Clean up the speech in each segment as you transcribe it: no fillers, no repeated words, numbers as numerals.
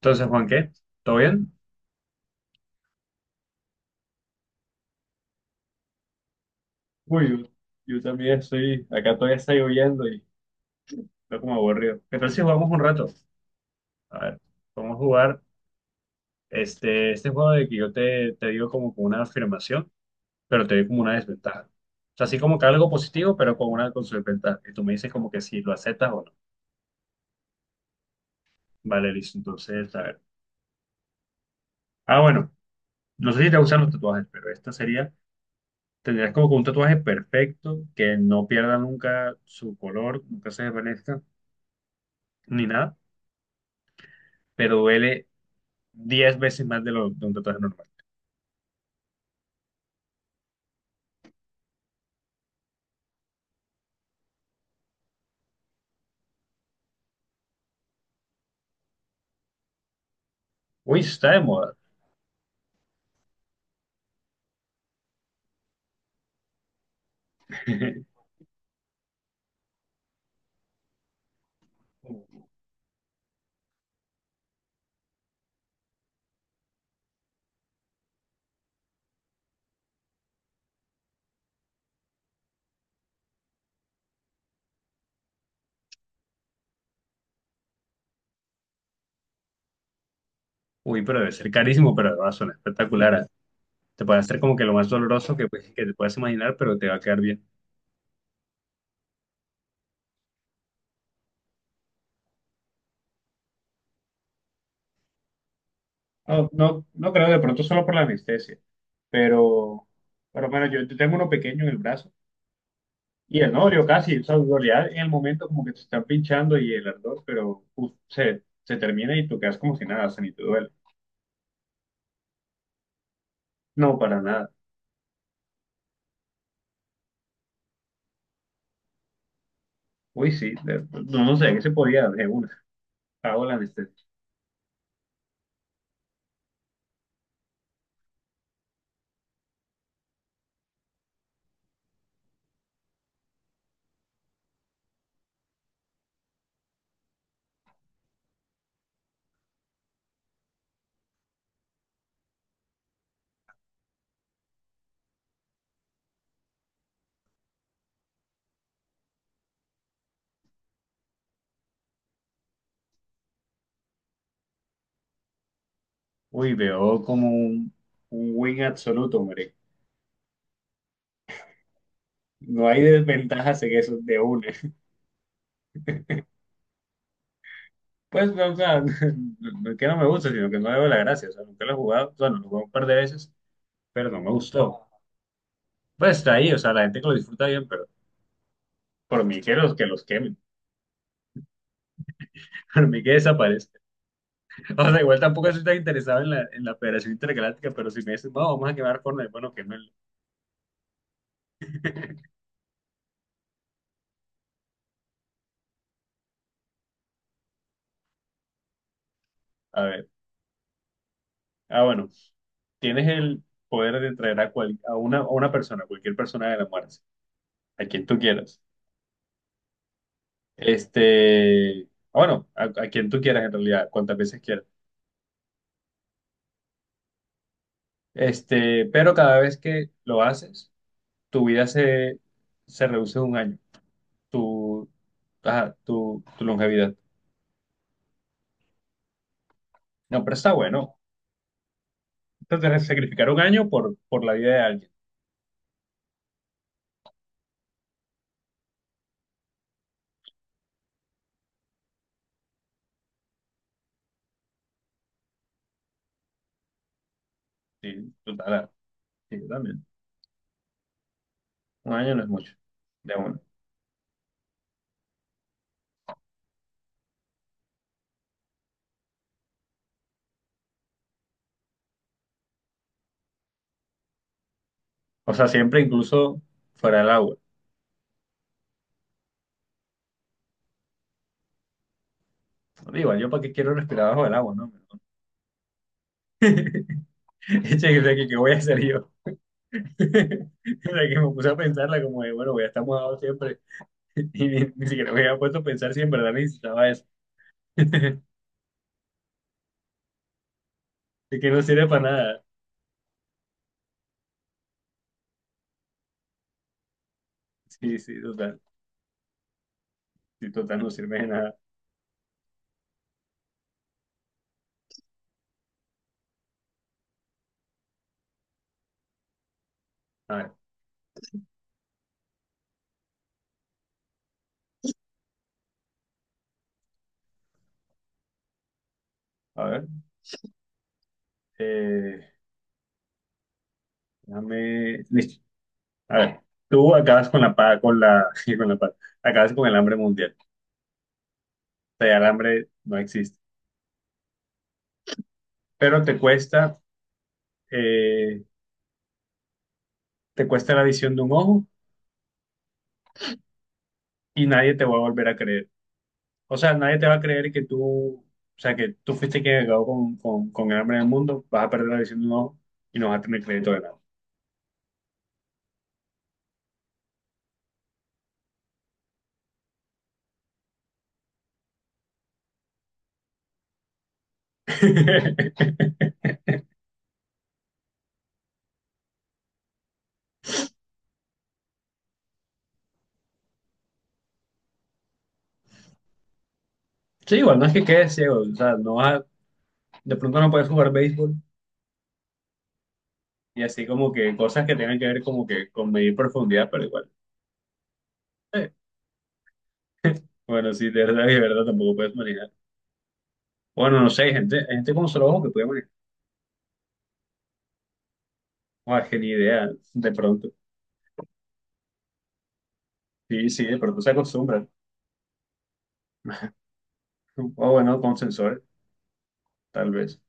Entonces, Juan, ¿qué? ¿Todo bien? Uy, yo también estoy, acá todavía está lloviendo y estoy como aburrido. ¿Qué tal si jugamos un rato? A ver, vamos a jugar este juego de que yo te digo como con una afirmación, pero te doy como una desventaja. O sea, así como que algo positivo, pero con una con su desventaja. Y tú me dices como que si lo aceptas o no. Vale, listo. Entonces, a ver. Ah, bueno, no sé si te gustan los tatuajes, pero esta sería, tendrías como que un tatuaje perfecto, que no pierda nunca su color, nunca se desvanezca, ni nada. Pero duele 10 veces más de un tatuaje normal. Uy, eso está de moda. Uy, pero debe ser carísimo, pero va a sonar espectacular. ¿Ah? Te puede hacer como que lo más doloroso que, pues, que te puedas imaginar, pero te va a quedar bien. No, no, no creo, de pronto solo por la anestesia, pero, pero bueno, yo tengo uno pequeño en el brazo y el no dolió casi, o sea, dolía en el momento como que te están pinchando y el ardor, pero uf, se termina y tú quedas como si nada, o sea, ni te duele. No, para nada. Uy, sí, no, no sé, ¿qué se podía de una? Hago la anestesia. Uy, veo como un win absoluto, hombre. No hay desventajas en eso de una. Pues, no, o sea, no es que no me gusta, sino que no le veo la gracia. O sea, nunca lo he jugado. Bueno, lo jugué un par de veces, pero no me gustó. Pues está ahí, o sea, la gente que lo disfruta bien, pero por mí que que los quemen, por mí que desaparezca. O sea, igual tampoco estoy tan interesado en en la Federación Intergaláctica, pero si me dicen, no, vamos a quemar Fortnite, bueno, quémelo. A ver. Ah, bueno, tienes el poder de traer a una persona, cualquier persona de la muerte, a quien tú quieras. Este, bueno, a quien tú quieras en realidad, cuantas veces quieras. Este, pero cada vez que lo haces, tu vida se reduce un año, tu, ajá, tu longevidad. No, pero está bueno. Entonces, sacrificar un año por la vida de alguien. Sí, total, sí, yo también. Un año no es mucho, de uno. O sea, siempre incluso fuera del agua. Digo, yo para qué quiero respirar bajo el agua, ¿no? Eche, ¿qué voy a hacer yo? La que me puse a pensarla como de, bueno, voy a estar mudado siempre. Y ni, ni siquiera me había puesto a pensar si en verdad necesitaba eso. De que no sirve para nada. Sí, sí, total. Sí, total, no sirve de nada. A ver, a ver. Eh, Déjame. Listo. A ver. Tú acabas con la paz, con la, con la paz. Acabas con el hambre mundial. O sea, ya el hambre no existe. Pero eh, te cuesta la visión de un ojo y nadie te va a volver a creer. O sea, nadie te va a creer que tú, o sea, que tú fuiste quien acabó con el hambre en el mundo, vas a perder la visión de un ojo y no vas a tener crédito de nada. Sí, igual, no es que quedes ciego, o sea, no vas a- de pronto no puedes jugar béisbol y así como que cosas que tengan que ver como que con medir profundidad, pero igual. eh, bueno, sí, de verdad y de verdad tampoco puedes manejar. Bueno, no sé, hay gente con solo ojo que puede manejar. O es que ni idea, de pronto. Sí, sí, de pronto se acostumbran. O bueno, con sensores, tal vez.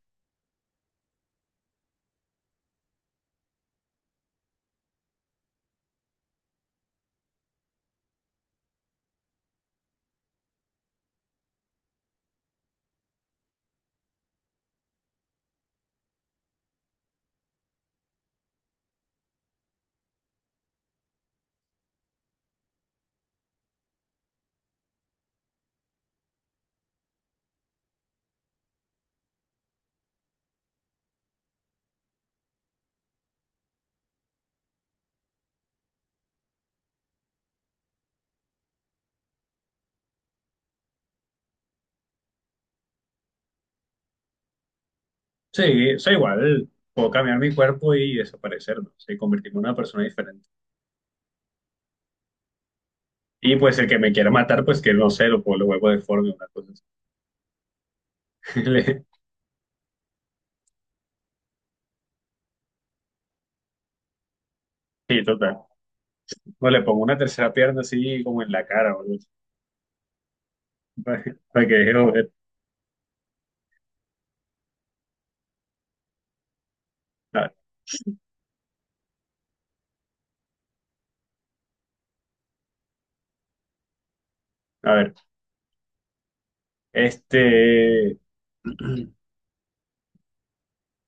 Sí, o sea, igual puedo cambiar mi cuerpo y desaparecer, ¿no? Sé, convertirme en una persona diferente. Y pues el que me quiera matar, pues que no sé, lo vuelvo deforme, una cosa así. Le- Sí, total. O le pongo una tercera pierna así como en la cara, o algo así, para, para que deje de joder. A, a ver, este,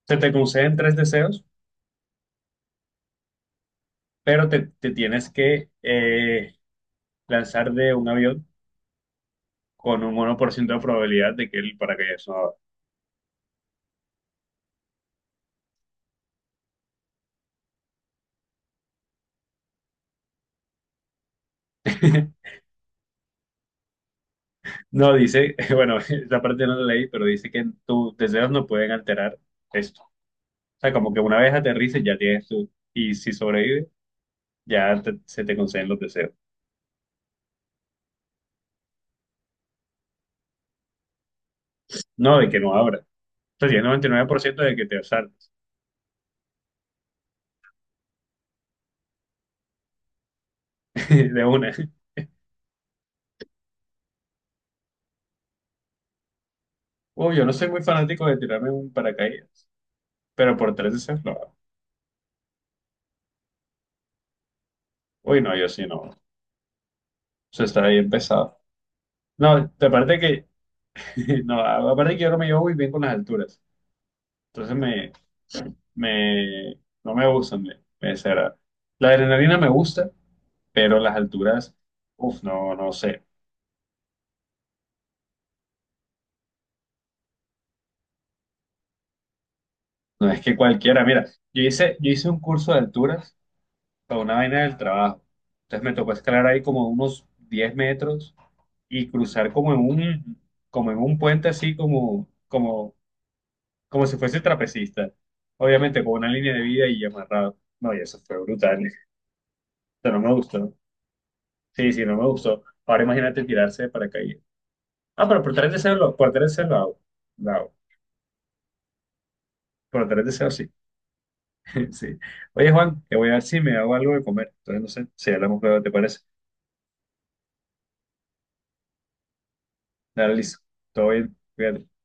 se te conceden tres deseos, pero te tienes que lanzar de un avión con un 1% de probabilidad de que el paracaídas no abra. No dice, bueno, esa parte no la leí, pero dice que tus deseos no pueden alterar esto. O sea, como que una vez aterrices ya tienes y si sobrevives, se te conceden los deseos. No, de que no abra. O sea, tienes 99% de que te saltes de una. Uy, yo no soy muy fanático de tirarme un paracaídas, pero por tres deseos lo hago. Uy, no, yo sí no. Eso está bien pesado. No, aparte que, no, aparte que yo no me llevo muy bien con las alturas. Entonces me, no me gustan, me desagradan. La adrenalina me gusta, pero las alturas, uff, no, no sé. No es que cualquiera, mira, yo hice un curso de alturas para una vaina del trabajo. Entonces me tocó escalar ahí como unos 10 metros y cruzar como en como en un puente así como si fuese trapecista. Obviamente con una línea de vida y amarrado. No, y eso fue brutal. Pero no me gustó. Sí, sí, no me gustó. Ahora imagínate tirarse de paracaídas. Ah, pero por tres deseos, por tres deseos lo hago. Lo hago. Por tres deseos, sí. Sí. Oye, Juan, que voy a ver si me hago algo de comer. Entonces, no sé, si hablamos luego, ¿te parece? Dale, listo. Todo bien. Cuídate.